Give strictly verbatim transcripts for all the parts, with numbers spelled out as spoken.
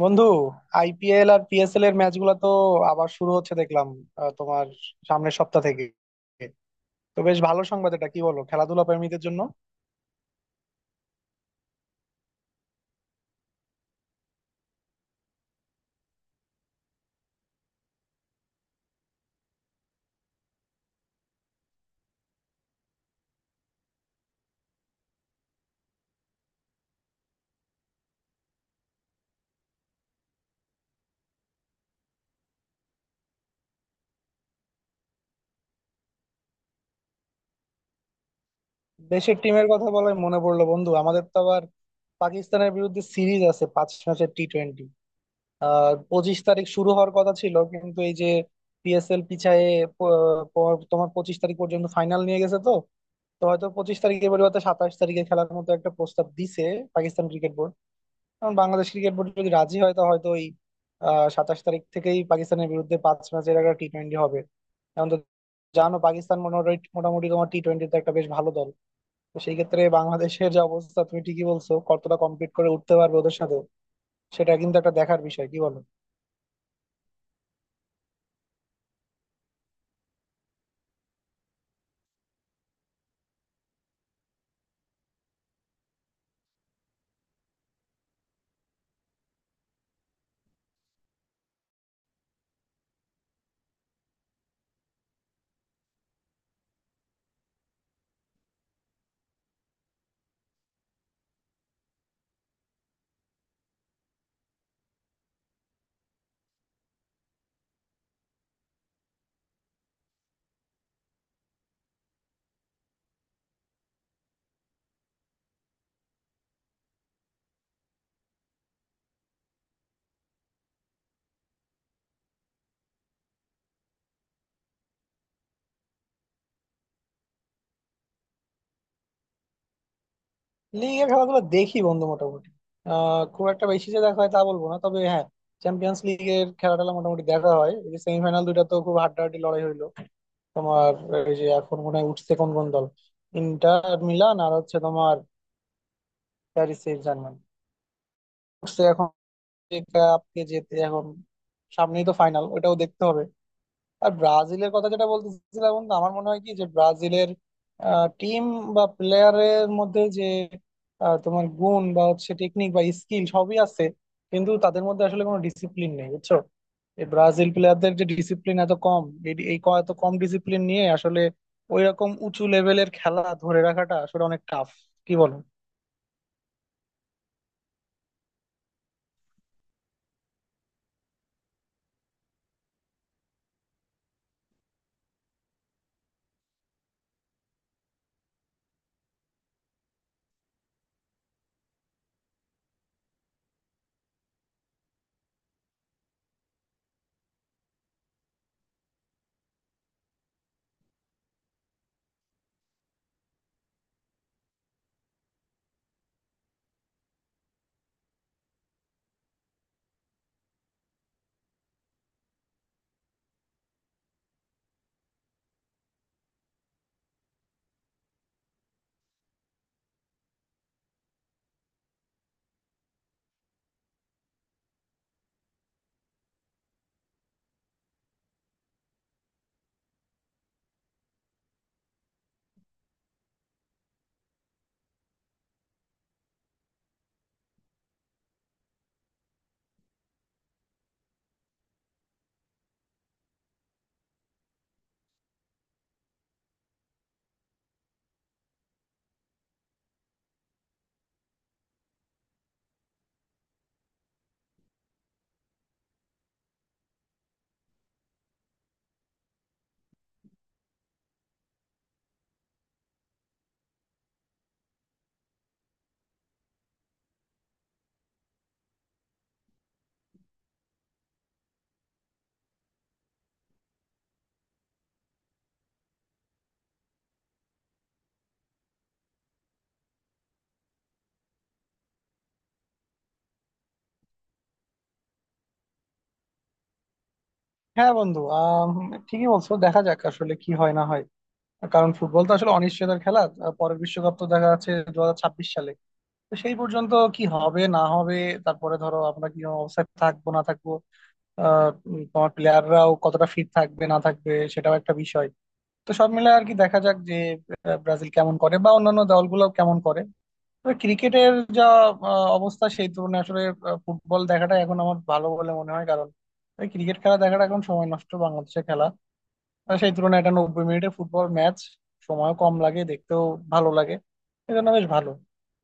বন্ধু, আইপিএল আর পিএসএল এর ম্যাচগুলো তো আবার শুরু হচ্ছে দেখলাম। আহ, তোমার সামনের সপ্তাহ থেকে তো বেশ ভালো সংবাদ এটা, কি বলো, খেলাধুলা প্রেমীদের জন্য। দেশের টিমের কথা বলে মনে পড়লো বন্ধু, আমাদের তো আবার পাকিস্তানের বিরুদ্ধে সিরিজ আছে পাঁচ ম্যাচের টি টোয়েন্টি। আহ পঁচিশ তারিখ শুরু হওয়ার কথা ছিল, কিন্তু এই যে পিএসএল পিছায়ে প- প- তোমার পঁচিশ তারিখ পর্যন্ত ফাইনাল নিয়ে গেছে তো। তো হয়তো পঁচিশ তারিখের পরিবর্তে সাতাশ তারিখে খেলার মতো একটা প্রস্তাব দিছে পাকিস্তান ক্রিকেট বোর্ড, কারণ বাংলাদেশ ক্রিকেট বোর্ড যদি রাজি হয় তো হয়তো ওই আহ সাতাশ তারিখ থেকেই পাকিস্তানের বিরুদ্ধে পাঁচ ম্যাচের একটা টি টোয়েন্টি হবে। এখন তো জানো, পাকিস্তান মোটামুটি মোটামুটি তোমার টি টোয়েন্টিতে একটা বেশ ভালো দল। তো সেই ক্ষেত্রে বাংলাদেশের যে অবস্থা, তুমি ঠিকই বলছো, কতটা কমপ্লিট করে উঠতে পারবে ওদের সাথে, সেটা কিন্তু একটা দেখার বিষয়, কি বলো। লিগে খেলাধুলা দেখি বন্ধু মোটামুটি। আহ খুব একটা বেশি যে দেখা হয় তা বলবো না, তবে হ্যাঁ, চ্যাম্পিয়ন্স লিগের খেলাটা মোটামুটি দেখা হয়। সেমিফাইনাল দুইটা তো খুব হাড্ডাহাড্ডি লড়াই হইলো তোমার। এই যে এখন মনে হয় উঠছে কোন কোন দল, ইন্টার মিলান আর হচ্ছে তোমার প্যারিস সেন্ট জার্মান উঠছে এখন, যে cup কে যেতে এখন। সামনেই তো ফাইনাল, ওটাও দেখতে হবে। আর ব্রাজিলের কথা যেটা বলতেছিলাম বন্ধু, আমার মনে হয় কি যে ব্রাজিলের টিম বা প্লেয়ারের মধ্যে যে আহ, তোমার গুণ বা হচ্ছে টেকনিক বা স্কিল সবই আছে, কিন্তু তাদের মধ্যে আসলে কোনো ডিসিপ্লিন নেই, বুঝছো। এই ব্রাজিল প্লেয়ারদের যে ডিসিপ্লিন এত কম, এই এই ক- এত কম ডিসিপ্লিন নিয়ে আসলে ওই রকম উঁচু লেভেলের খেলা ধরে রাখাটা আসলে অনেক টাফ, কি বলো। হ্যাঁ বন্ধু, আম, ঠিকই বলছো, দেখা যাক আসলে কি হয় না হয়, কারণ ফুটবল তো আসলে অনিশ্চয়তার খেলা। আহ, পরের বিশ্বকাপ তো দেখা যাচ্ছে দু হাজার ছাব্বিশ সালে। তো সেই পর্যন্ত কি হবে না হবে, তারপরে ধরো আমরা কি অবস্থায় থাকবো না থাকবো, আহ, উম, তোমার প্লেয়াররাও কতটা ফিট থাকবে না থাকবে সেটাও একটা বিষয়। তো সব মিলে আর কি দেখা যাক যে আহ, ব্রাজিল কেমন করে বা অন্যান্য দলগুলো কেমন করে। তবে ক্রিকেটের যা আহ, অবস্থা, সেই তুলনায় আসলে আহ, ফুটবল দেখাটা এখন আমার ভালো বলে মনে হয়, কারণ ক্রিকেট খেলা দেখাটা এখন সময় নষ্ট, বাংলাদেশের খেলা। আর সেই তুলনায় এটা নব্বই মিনিটের ফুটবল ম্যাচ, সময়ও কম লাগে, দেখতেও ভালো লাগে, এজন্য বেশ ভালো।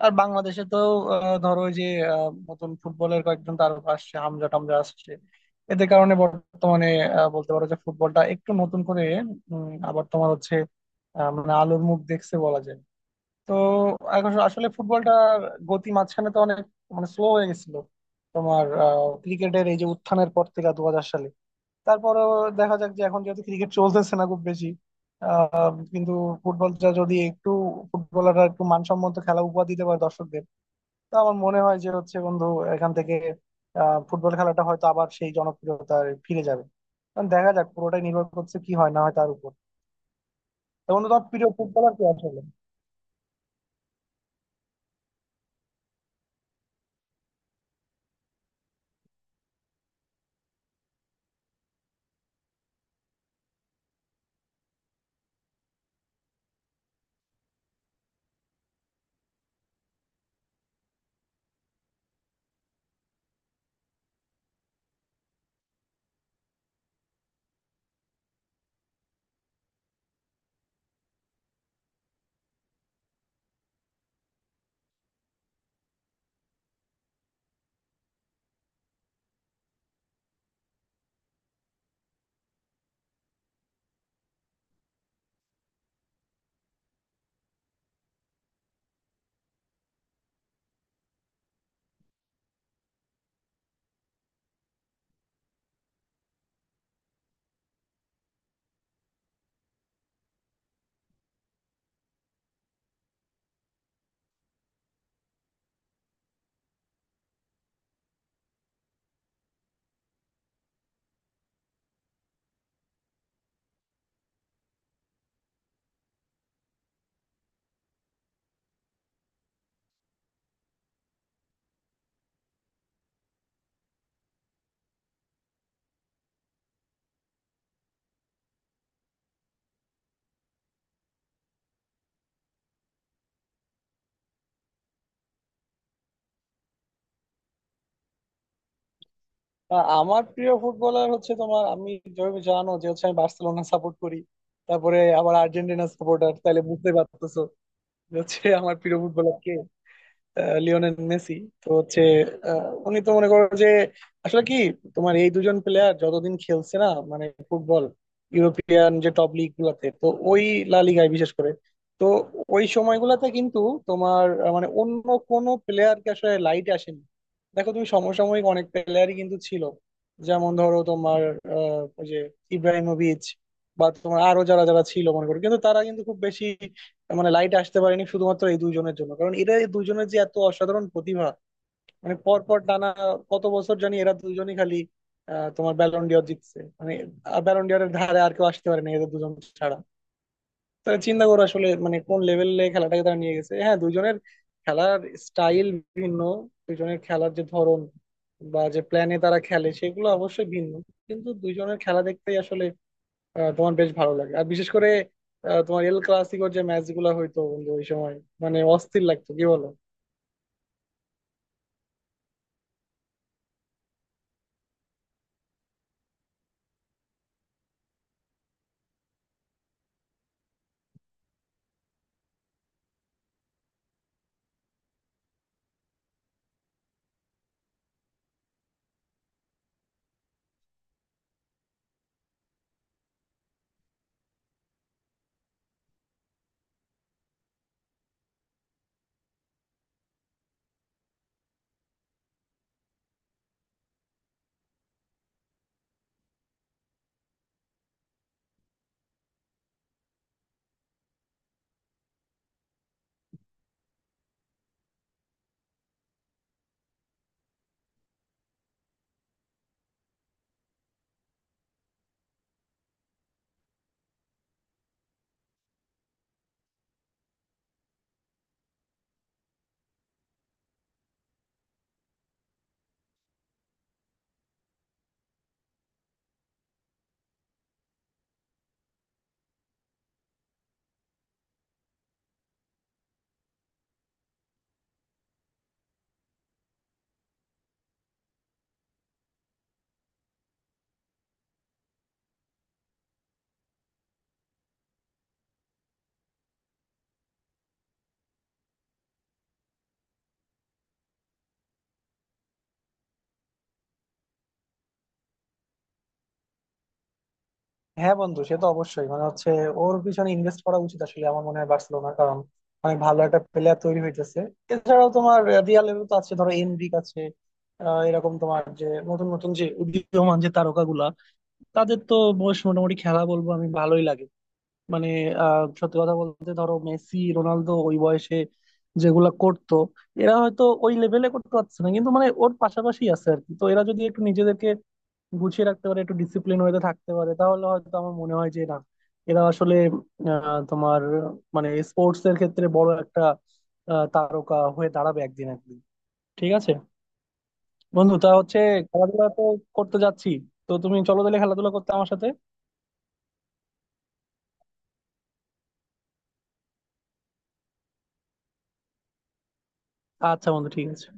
আর বাংলাদেশে তো আহ, ধরো ওই যে আহ, নতুন ফুটবলের কয়েকজন তারকা আসছে, হামজা টামজা আসছে, এদের কারণে বর্তমানে আহ, বলতে পারো যে ফুটবলটা একটু নতুন করে উম, আবার তোমার হচ্ছে আহ, মানে আলোর মুখ দেখছে বলা যায়। তো এখন আসলে ফুটবলটার গতি মাঝখানে তো অনেক মানে স্লো হয়ে গেছিল তোমার, ক্রিকেটের এই যে উত্থানের পর থেকে দু হাজার সালে। তারপরে দেখা যাক যে এখন যেহেতু ক্রিকেট চলতেছে না খুব বেশি, আহ, কিন্তু ফুটবলটা যদি একটু, ফুটবলাররা একটু মানসম্মত খেলা উপহার দিতে পারে দর্শকদের, তো আমার মনে হয় যে হচ্ছে বন্ধু, এখান থেকে আহ, ফুটবল খেলাটা হয়তো আবার সেই জনপ্রিয়তায় ফিরে যাবে। কারণ দেখা যাক, পুরোটাই নির্ভর করছে কি হয় না হয় তার উপর। তো বন্ধু, তোমার প্রিয় ফুটবলার কে আসলে? আ- আমার প্রিয় ফুটবলার হচ্ছে তোমার, আমি যেভাবে জানো যে হচ্ছে আমি বার্সেলোনা সাপোর্ট করি, তারপরে আবার আর্জেন্টিনা সাপোর্টার, তাহলে বুঝতে পারতেছো যে হচ্ছে আমার প্রিয় ফুটবলার কে। আহ, লিওনেল মেসি। তো হচ্ছে আহ, উনি তো মনে করো যে আসলে কি, তোমার এই দুজন প্লেয়ার যতদিন খেলছে না মানে ফুটবল, ইউরোপিয়ান যে টপ লিগ গুলাতে, তো ওই লা লিগায় বিশেষ করে, তো ওই সময়গুলাতে কিন্তু তোমার আহ, মানে অন্য কোনো প্লেয়ারকে আসলে লাইট আসেনি। দেখো তুমি, সমসাময়িক অনেক প্লেয়ারই কিন্তু ছিল, যেমন ধরো তোমার আহ, ওই যে ইব্রাহিমোভিচ বা তোমার আরো যারা যারা ছিল মনে করো, কিন্তু তারা কিন্তু খুব বেশি মানে লাইট আসতে পারেনি শুধুমাত্র এই দুইজনের জন্য, কারণ এরা এই দুইজনের যে এত অসাধারণ প্রতিভা। মানে পর পর টানা কত বছর জানি এরা দুজনই খালি আহ, তোমার ব্যালন ডিওর জিতছে, মানে ব্যালন ডিওরের ধারে আর কেউ আসতে পারে না এদের দুজন ছাড়া। তাহলে চিন্তা করো আসলে মানে কোন লেভেলে খেলাটাকে তারা নিয়ে গেছে। হ্যাঁ, দুইজনের খেলার স্টাইল ভিন্ন, দুইজনের খেলার যে ধরন বা যে প্ল্যানে তারা খেলে সেগুলো অবশ্যই ভিন্ন, কিন্তু দুইজনের খেলা দেখতেই আসলে আহ, তোমার বেশ ভালো লাগে। আর বিশেষ করে আহ, তোমার এল ক্লাসিকোর যে ম্যাচ গুলা হইতো বন্ধু ওই সময়, মানে অস্থির লাগতো, কি বলো। হ্যাঁ বন্ধু, সে তো অবশ্যই মানে হচ্ছে ওর পিছনে ইনভেস্ট করা উচিত আসলে, আমার মনে হয় বার্সেলোনার, কারণ অনেক ভালো একটা প্লেয়ার তৈরি হইতেছে। এছাড়াও তোমার রিয়াল লেভেল তো আছে, ধরো এনরিক আছে, আহ, এরকম তোমার যে নতুন নতুন যে উদীয়মান যে তারকাগুলা, তাদের তো বেশ মোটামুটি খেলা, বলবো আমি ভালোই লাগে। মানে আহ, সত্যি কথা বলতে ধরো মেসি রোনালদো ওই বয়সে যেগুলা করতো, এরা হয়তো ওই লেভেলে করতে পারছে না, কিন্তু মানে ওর পাশাপাশি আছে আর কি। তো এরা যদি একটু নিজেদেরকে গুছিয়ে রাখতে পারে, একটু ডিসিপ্লিন হয়ে থাকতে পারে, তাহলে হয়তো আমার মনে হয় যে না, এরা আসলে আহ, তোমার মানে স্পোর্টস এর ক্ষেত্রে বড় একটা আহ, তারকা হয়ে দাঁড়াবে একদিন একদিন। ঠিক আছে বন্ধু। তা হচ্ছে খেলাধুলা তো করতে যাচ্ছি, তো তুমি চলো তাহলে খেলাধুলা করতে আমার সাথে। আচ্ছা বন্ধু, ঠিক আছে।